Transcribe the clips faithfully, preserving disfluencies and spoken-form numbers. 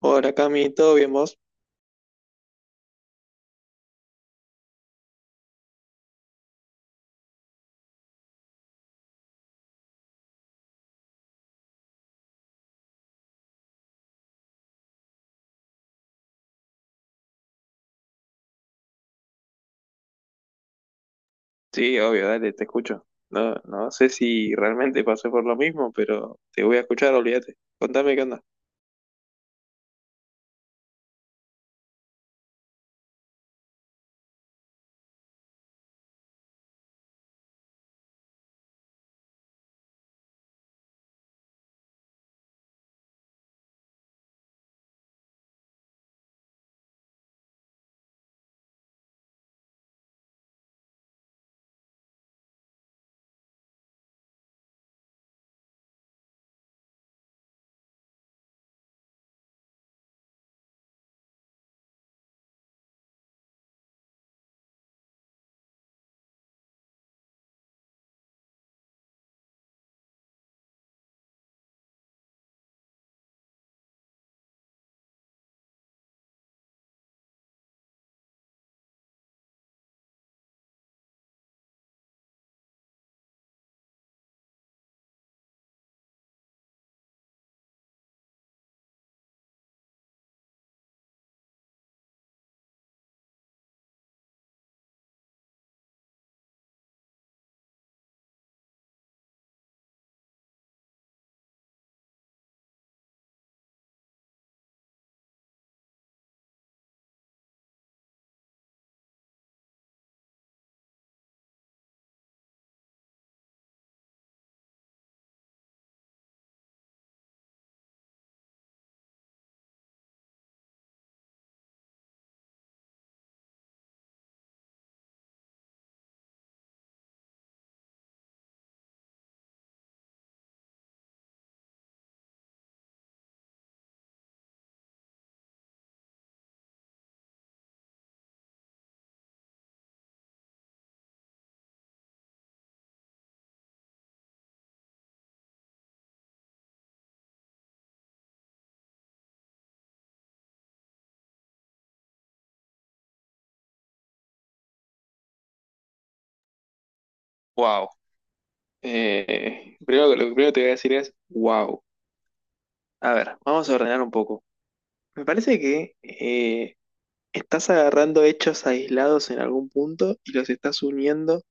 Hola Cami, ¿todo bien vos? Sí, obvio, dale, te escucho. No, no sé si realmente pasé por lo mismo, pero te voy a escuchar, olvídate. Contame qué onda. Wow. Eh, primero, lo que primero te voy a decir es, wow. A ver, vamos a ordenar un poco. Me parece que eh, estás agarrando hechos aislados en algún punto y los estás uniendo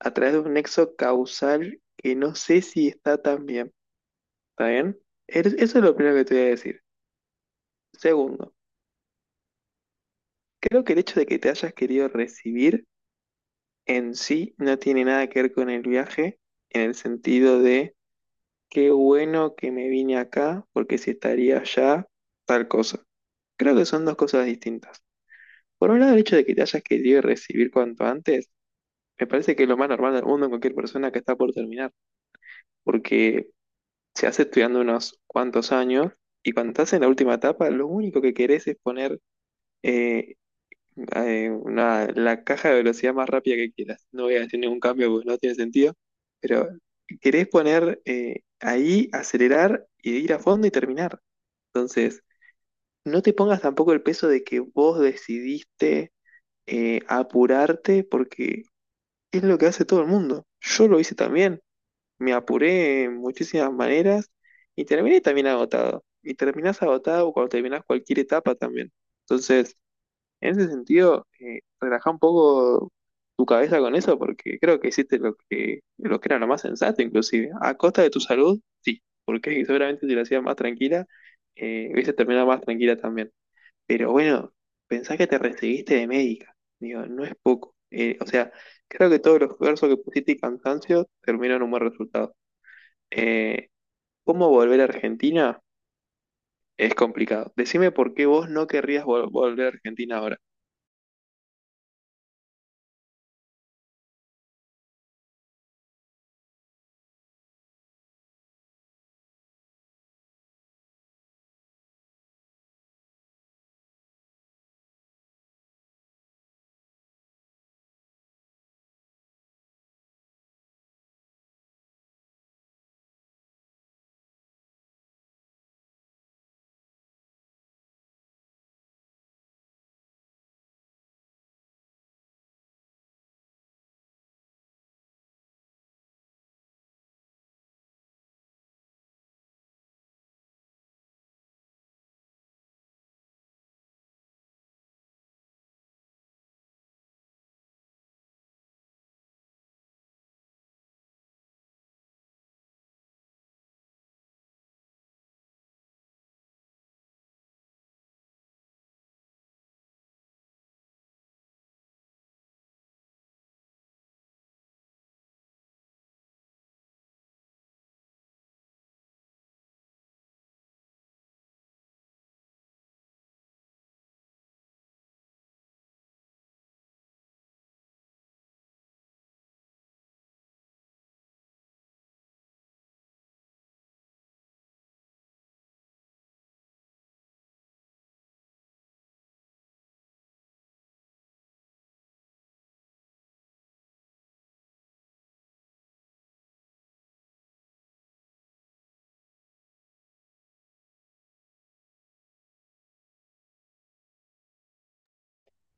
a través de un nexo causal que no sé si está tan bien. ¿Está bien? Es- Eso es lo primero que te voy a decir. Segundo, creo que el hecho de que te hayas querido recibir en sí no tiene nada que ver con el viaje, en el sentido de qué bueno que me vine acá, porque si estaría allá, tal cosa. Creo que son dos cosas distintas. Por un lado, el hecho de que te hayas querido recibir cuanto antes, me parece que es lo más normal del mundo en cualquier persona que está por terminar, porque se hace estudiando unos cuantos años y cuando estás en la última etapa, lo único que querés es poner eh, eh, una- la caja de velocidad más rápida que quieras. No voy a decir ningún cambio porque no tiene sentido, pero querés poner eh, ahí, acelerar y ir a fondo y terminar. Entonces, no te pongas tampoco el peso de que vos decidiste eh, apurarte porque es lo que hace todo el mundo. Yo lo hice también, me apuré en muchísimas maneras y terminé también agotado. Y terminás agotado cuando terminás cualquier etapa también. Entonces, en ese sentido, eh, relaja un poco tu cabeza con eso porque creo que hiciste lo que, lo que era lo más sensato, inclusive. A costa de tu salud, sí, porque seguramente si lo hacías más tranquila, eh, hubieses terminado más tranquila también. Pero bueno, pensá que te recibiste de médica. Digo, no es poco. Eh, o sea, creo que todos los esfuerzos que pusiste y cansancio terminaron en un buen resultado. Eh, ¿Cómo volver a Argentina? Es complicado. Decime por qué vos no querrías vol- volver a Argentina ahora.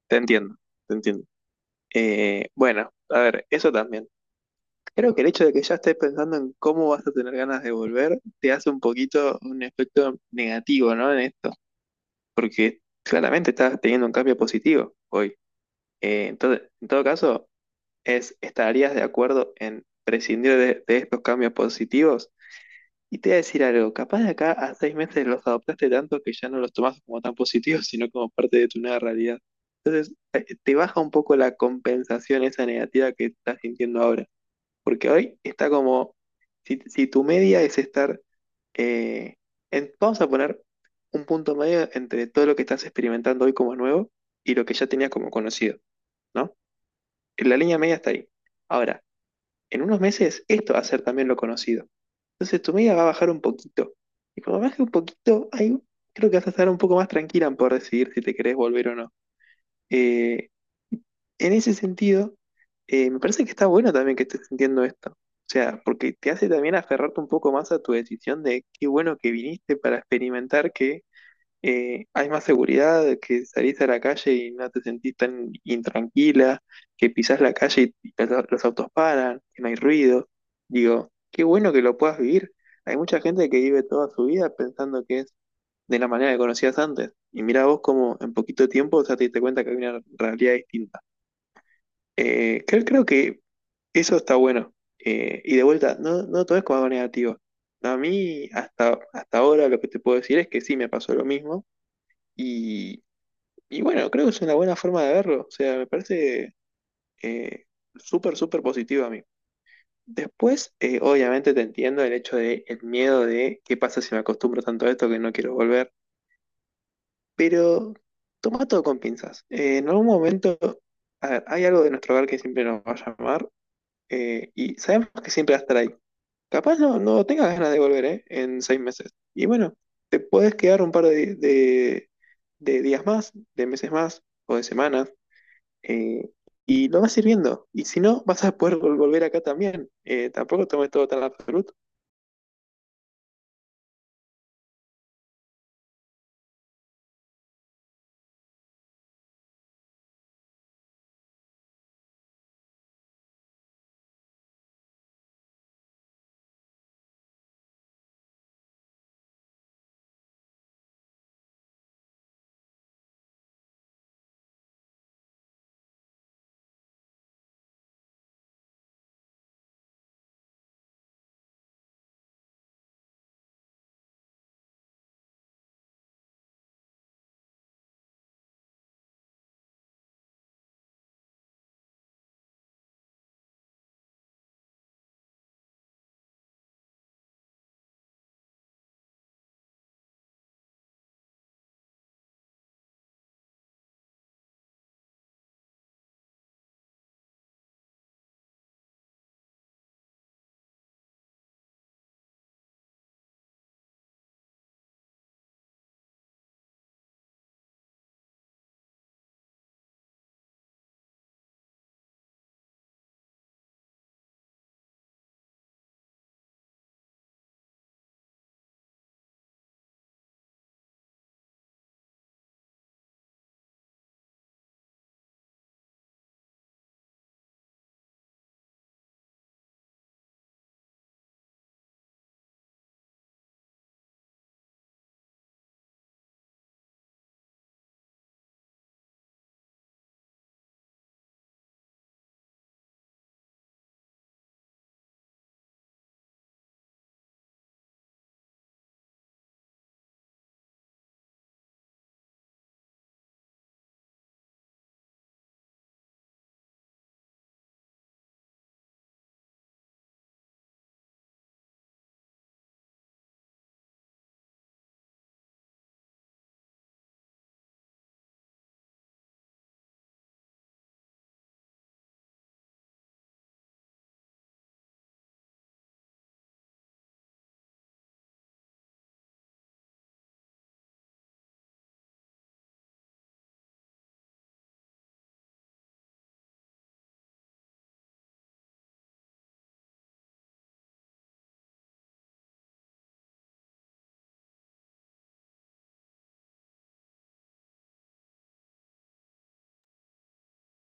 Te entiendo, te entiendo. Eh, bueno, a ver, eso también. Creo que el hecho de que ya estés pensando en cómo vas a tener ganas de volver te hace un poquito un efecto negativo, ¿no? En esto, porque claramente estás teniendo un cambio positivo hoy. Eh, entonces, en todo caso, es, ¿estarías de acuerdo en prescindir de, de estos cambios positivos? Y te voy a decir algo, capaz de acá a seis meses los adoptaste tanto que ya no los tomas como tan positivos, sino como parte de tu nueva realidad. Eh, Te baja un poco la compensación esa negativa que estás sintiendo ahora. Porque hoy está como, si, si tu media es estar, eh, en- vamos a poner un punto medio entre todo lo que estás experimentando hoy como nuevo y lo que ya tenías como conocido, ¿no? La línea media está ahí. Ahora, en unos meses esto va a ser también lo conocido. Entonces tu media va a bajar un poquito. Y cuando baje un poquito, ahí creo que vas a estar un poco más tranquila en poder decidir si te querés volver o no. Eh, en ese sentido, eh, me parece que está bueno también que estés sintiendo esto. O sea, porque te hace también aferrarte un poco más a tu decisión de qué bueno que viniste para experimentar que eh, hay más seguridad, que salís a la calle y no te sentís tan intranquila, que pisás la calle y los, los autos paran, que no hay ruido. Digo, qué bueno que lo puedas vivir. Hay mucha gente que vive toda su vida pensando que es de la manera que conocías antes. Y mira vos cómo en poquito tiempo ya te diste cuenta que hay una realidad distinta. Eh, creo, creo que eso está bueno. Eh, y de vuelta, no, no todo es como algo negativo. A mí, hasta, hasta ahora, lo que te puedo decir es que sí me pasó lo mismo. Y, y bueno, creo que es una buena forma de verlo. O sea, me parece eh, súper, súper positivo a mí. Después, eh, obviamente te entiendo el hecho de el miedo de qué pasa si me acostumbro tanto a esto que no quiero volver. Pero toma todo con pinzas. Eh, en algún momento, a ver, hay algo de nuestro hogar que siempre nos va a llamar. Eh, y sabemos que siempre va a estar ahí. Capaz no, no tengas ganas de volver, ¿eh? En seis meses. Y bueno, te puedes quedar un par de, de- de días más, de meses más o de semanas, eh, y lo vas a ir viendo. Y si no, vas a poder vol- volver acá también. Eh, tampoco tomes todo tan absoluto.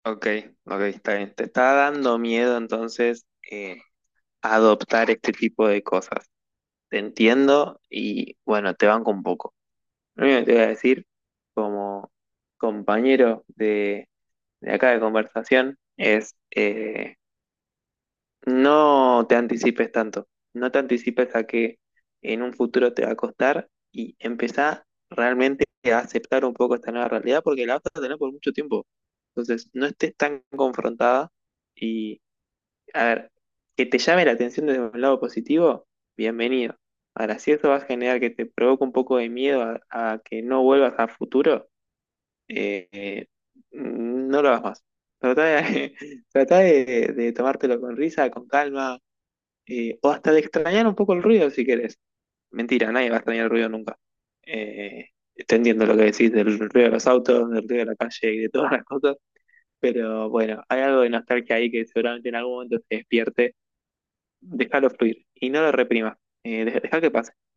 Ok, ok, está bien. Te está dando miedo entonces eh, adoptar este tipo de cosas. Te entiendo y bueno, te banco un poco. Lo único que te voy a decir, compañero de de acá de conversación es eh, no te anticipes tanto, no te anticipes a que en un futuro te va a costar y empezá realmente a aceptar un poco esta nueva realidad porque la vas a tener por mucho tiempo. Entonces, no estés tan confrontada y, a ver, que te llame la atención desde un lado positivo, bienvenido. Ahora, si eso va a generar que te provoque un poco de miedo a, a que no vuelvas a futuro, eh, no lo hagas más. Trata de, trata de, de tomártelo con risa, con calma, eh, o hasta de extrañar un poco el ruido si querés. Mentira, nadie va a extrañar el ruido nunca. Eh, Te entiendo lo que decís del ruido de los autos, del ruido de la calle y de todas las cosas, pero bueno, hay algo de nostalgia ahí que seguramente en algún momento se despierte. Déjalo fluir y no lo reprimas. Eh, deja que pase.